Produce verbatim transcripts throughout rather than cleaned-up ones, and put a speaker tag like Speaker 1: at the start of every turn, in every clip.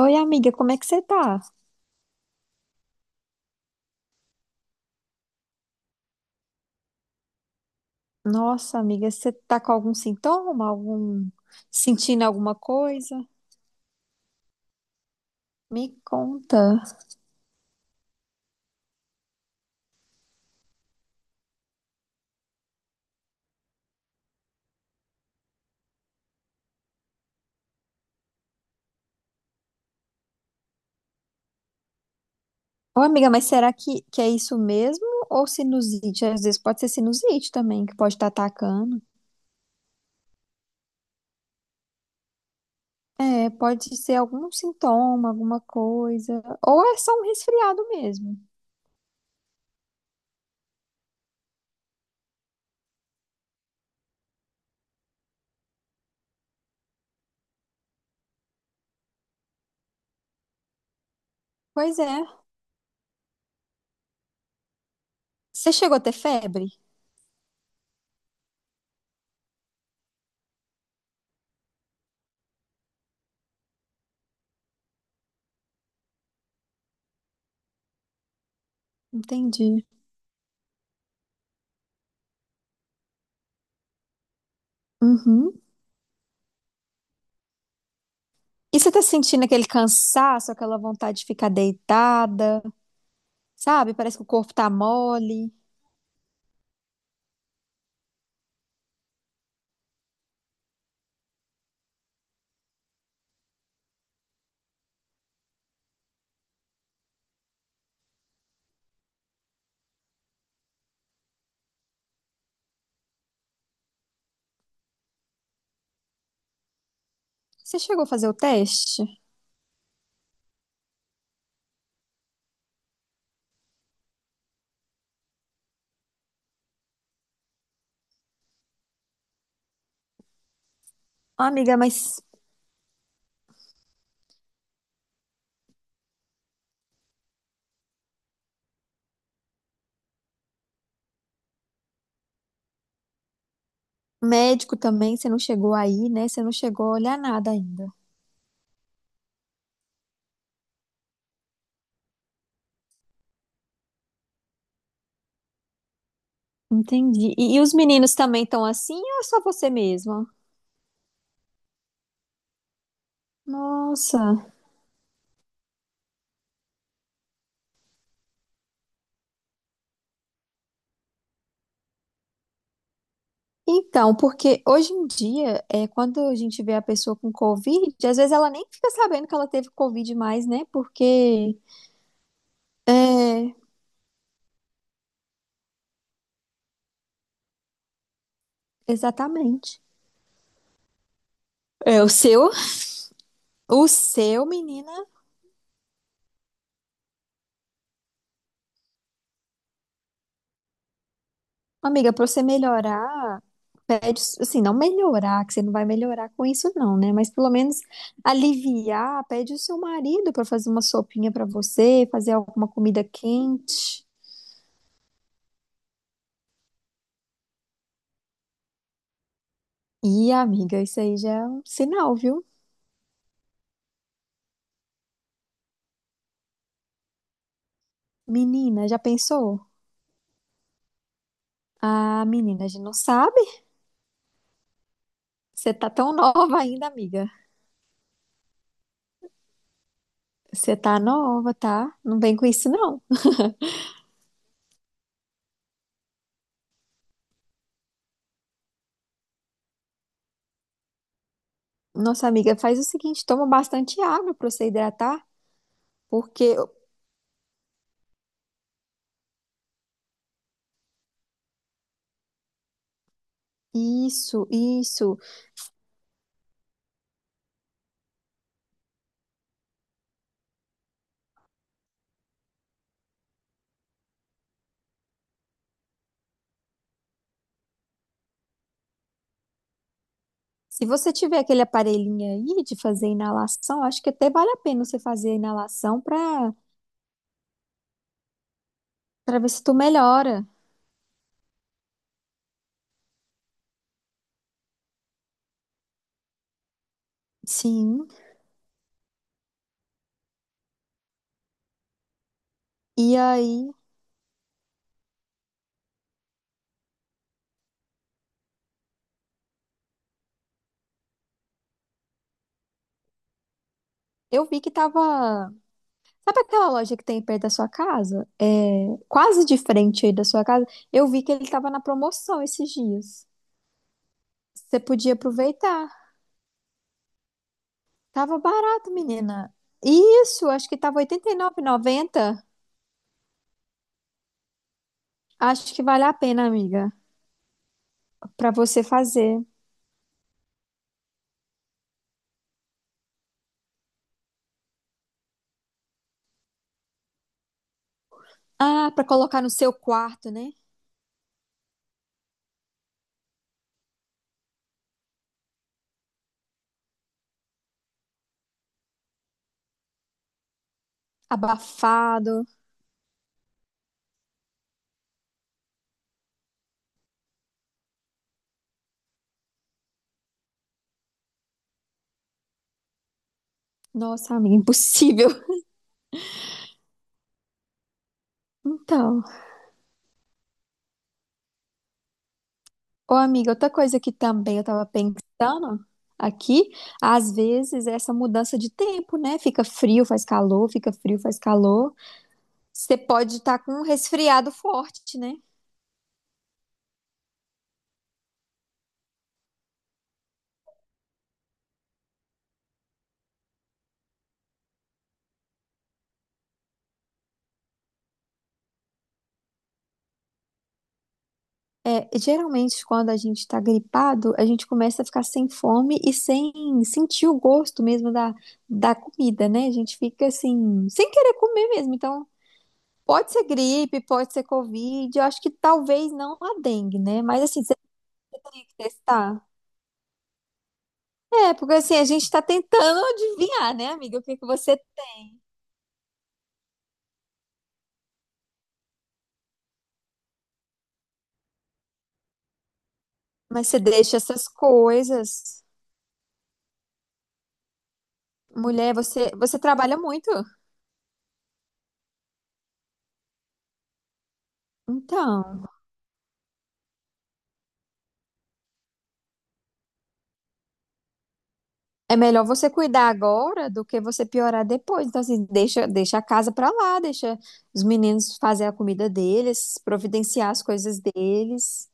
Speaker 1: Oi, amiga, como é que você tá? Nossa, amiga, você tá com algum sintoma? Algum... sentindo alguma coisa? Me conta. Ô, amiga, mas será que, que é isso mesmo? Ou sinusite? Às vezes pode ser sinusite também, que pode estar atacando. É, pode ser algum sintoma, alguma coisa. Ou é só um resfriado mesmo. Pois é. Você chegou a ter febre? Entendi. Uhum. E você tá sentindo aquele cansaço, aquela vontade de ficar deitada? Sabe? Parece que o corpo tá mole. Você chegou a fazer o teste? Ah, amiga, mas médico também, você não chegou aí, né? Você não chegou a olhar nada ainda. Entendi. E, e os meninos também estão assim ou é só você mesma? Nossa. Então, porque hoje em dia, é, quando a gente vê a pessoa com Covid, às vezes ela nem fica sabendo que ela teve Covid mais, né? Porque. É, exatamente. É, o seu, o seu, menina, amiga, pra você melhorar. Pede, assim, não melhorar, que você não vai melhorar com isso, não, né? Mas pelo menos aliviar, pede o seu marido para fazer uma sopinha para você, fazer alguma comida quente. E, amiga, isso aí já é um sinal, viu? Menina, já pensou? Ah, menina, a gente não sabe. Você tá tão nova ainda, amiga. Você tá nova, tá? Não vem com isso, não. Nossa, amiga, faz o seguinte, toma bastante água para você hidratar, porque isso, isso. Se você tiver aquele aparelhinho aí de fazer inalação, acho que até vale a pena você fazer a inalação para para ver se tu melhora. Sim. E aí, eu vi que tava. Sabe aquela loja que tem perto da sua casa? É, quase de frente aí da sua casa. Eu vi que ele tava na promoção esses dias. Você podia aproveitar. Tava barato, menina. Isso, acho que tava R$ oitenta e nove e noventa. Acho que vale a pena, amiga, para você fazer. Ah, para colocar no seu quarto, né? Abafado. Nossa, amiga, impossível. Então, ô amiga, outra coisa que também eu tava pensando aqui, às vezes é essa mudança de tempo, né? Fica frio, faz calor, fica frio, faz calor. Você pode estar com um resfriado forte, né? É, geralmente, quando a gente tá gripado, a gente começa a ficar sem fome e sem sentir o gosto mesmo da, da comida, né? A gente fica assim, sem querer comer mesmo. Então, pode ser gripe, pode ser Covid, eu acho que talvez não a dengue, né? Mas assim, você tem que testar. É, porque assim, a gente tá tentando adivinhar, né, amiga, o que que você. Mas você deixa essas coisas. Mulher, você, você trabalha muito. Então, é melhor você cuidar agora do que você piorar depois. Então, assim, deixa, deixa a casa pra lá, deixa os meninos fazer a comida deles, providenciar as coisas deles.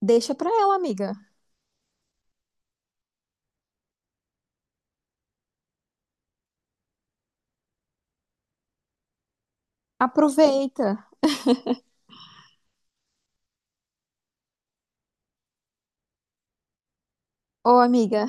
Speaker 1: Deixa pra ela, amiga. Aproveita. Ô, amiga.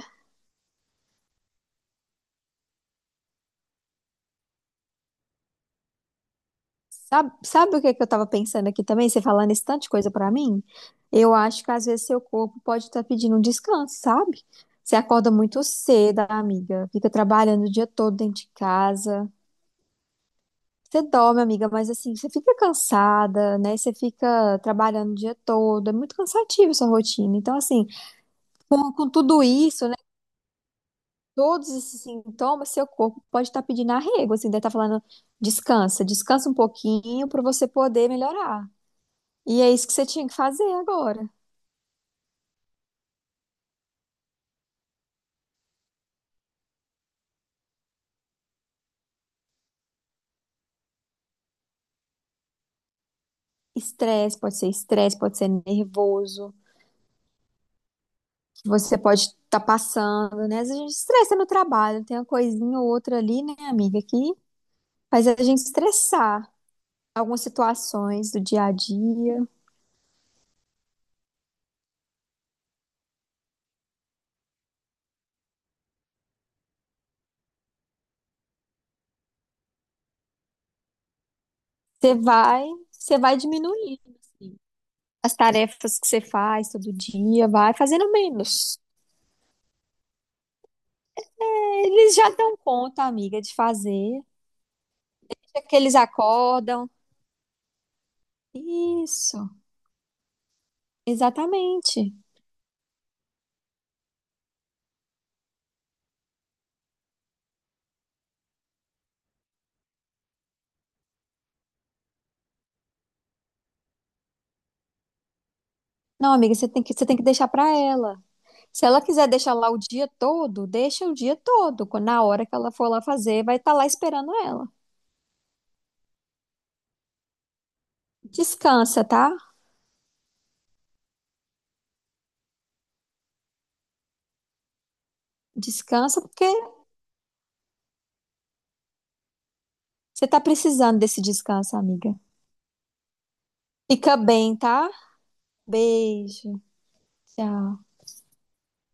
Speaker 1: Sabe, sabe o que é que eu tava pensando aqui também? Você falando esse tanto de coisa pra mim? Eu acho que às vezes seu corpo pode estar pedindo um descanso, sabe? Você acorda muito cedo, amiga, fica trabalhando o dia todo dentro de casa. Você dorme, amiga, mas assim, você fica cansada, né? Você fica trabalhando o dia todo, é muito cansativo sua rotina. Então, assim, com, com tudo isso, né? Todos esses sintomas, seu corpo pode estar pedindo arrego, assim, deve estar falando, descansa, descansa um pouquinho pra você poder melhorar. E é isso que você tinha que fazer agora. Estresse, pode ser estresse, pode ser nervoso, que você pode estar passando, né? Às vezes a gente estressa no trabalho, tem uma coisinha ou outra ali, né, amiga, que faz a gente estressar algumas situações do dia a dia. Você vai, você vai diminuindo, assim, as tarefas que você faz todo dia, vai fazendo menos. Eles já dão conta, amiga, de fazer, é que eles acordam. Isso, exatamente. Não, amiga, você tem que, você tem que deixar para ela. Se ela quiser deixar lá o dia todo, deixa o dia todo. Quando- na hora que ela for lá fazer, vai estar lá esperando ela. Descansa, tá? Descansa porque você tá precisando desse descanso, amiga. Fica bem, tá? Beijo. Tchau.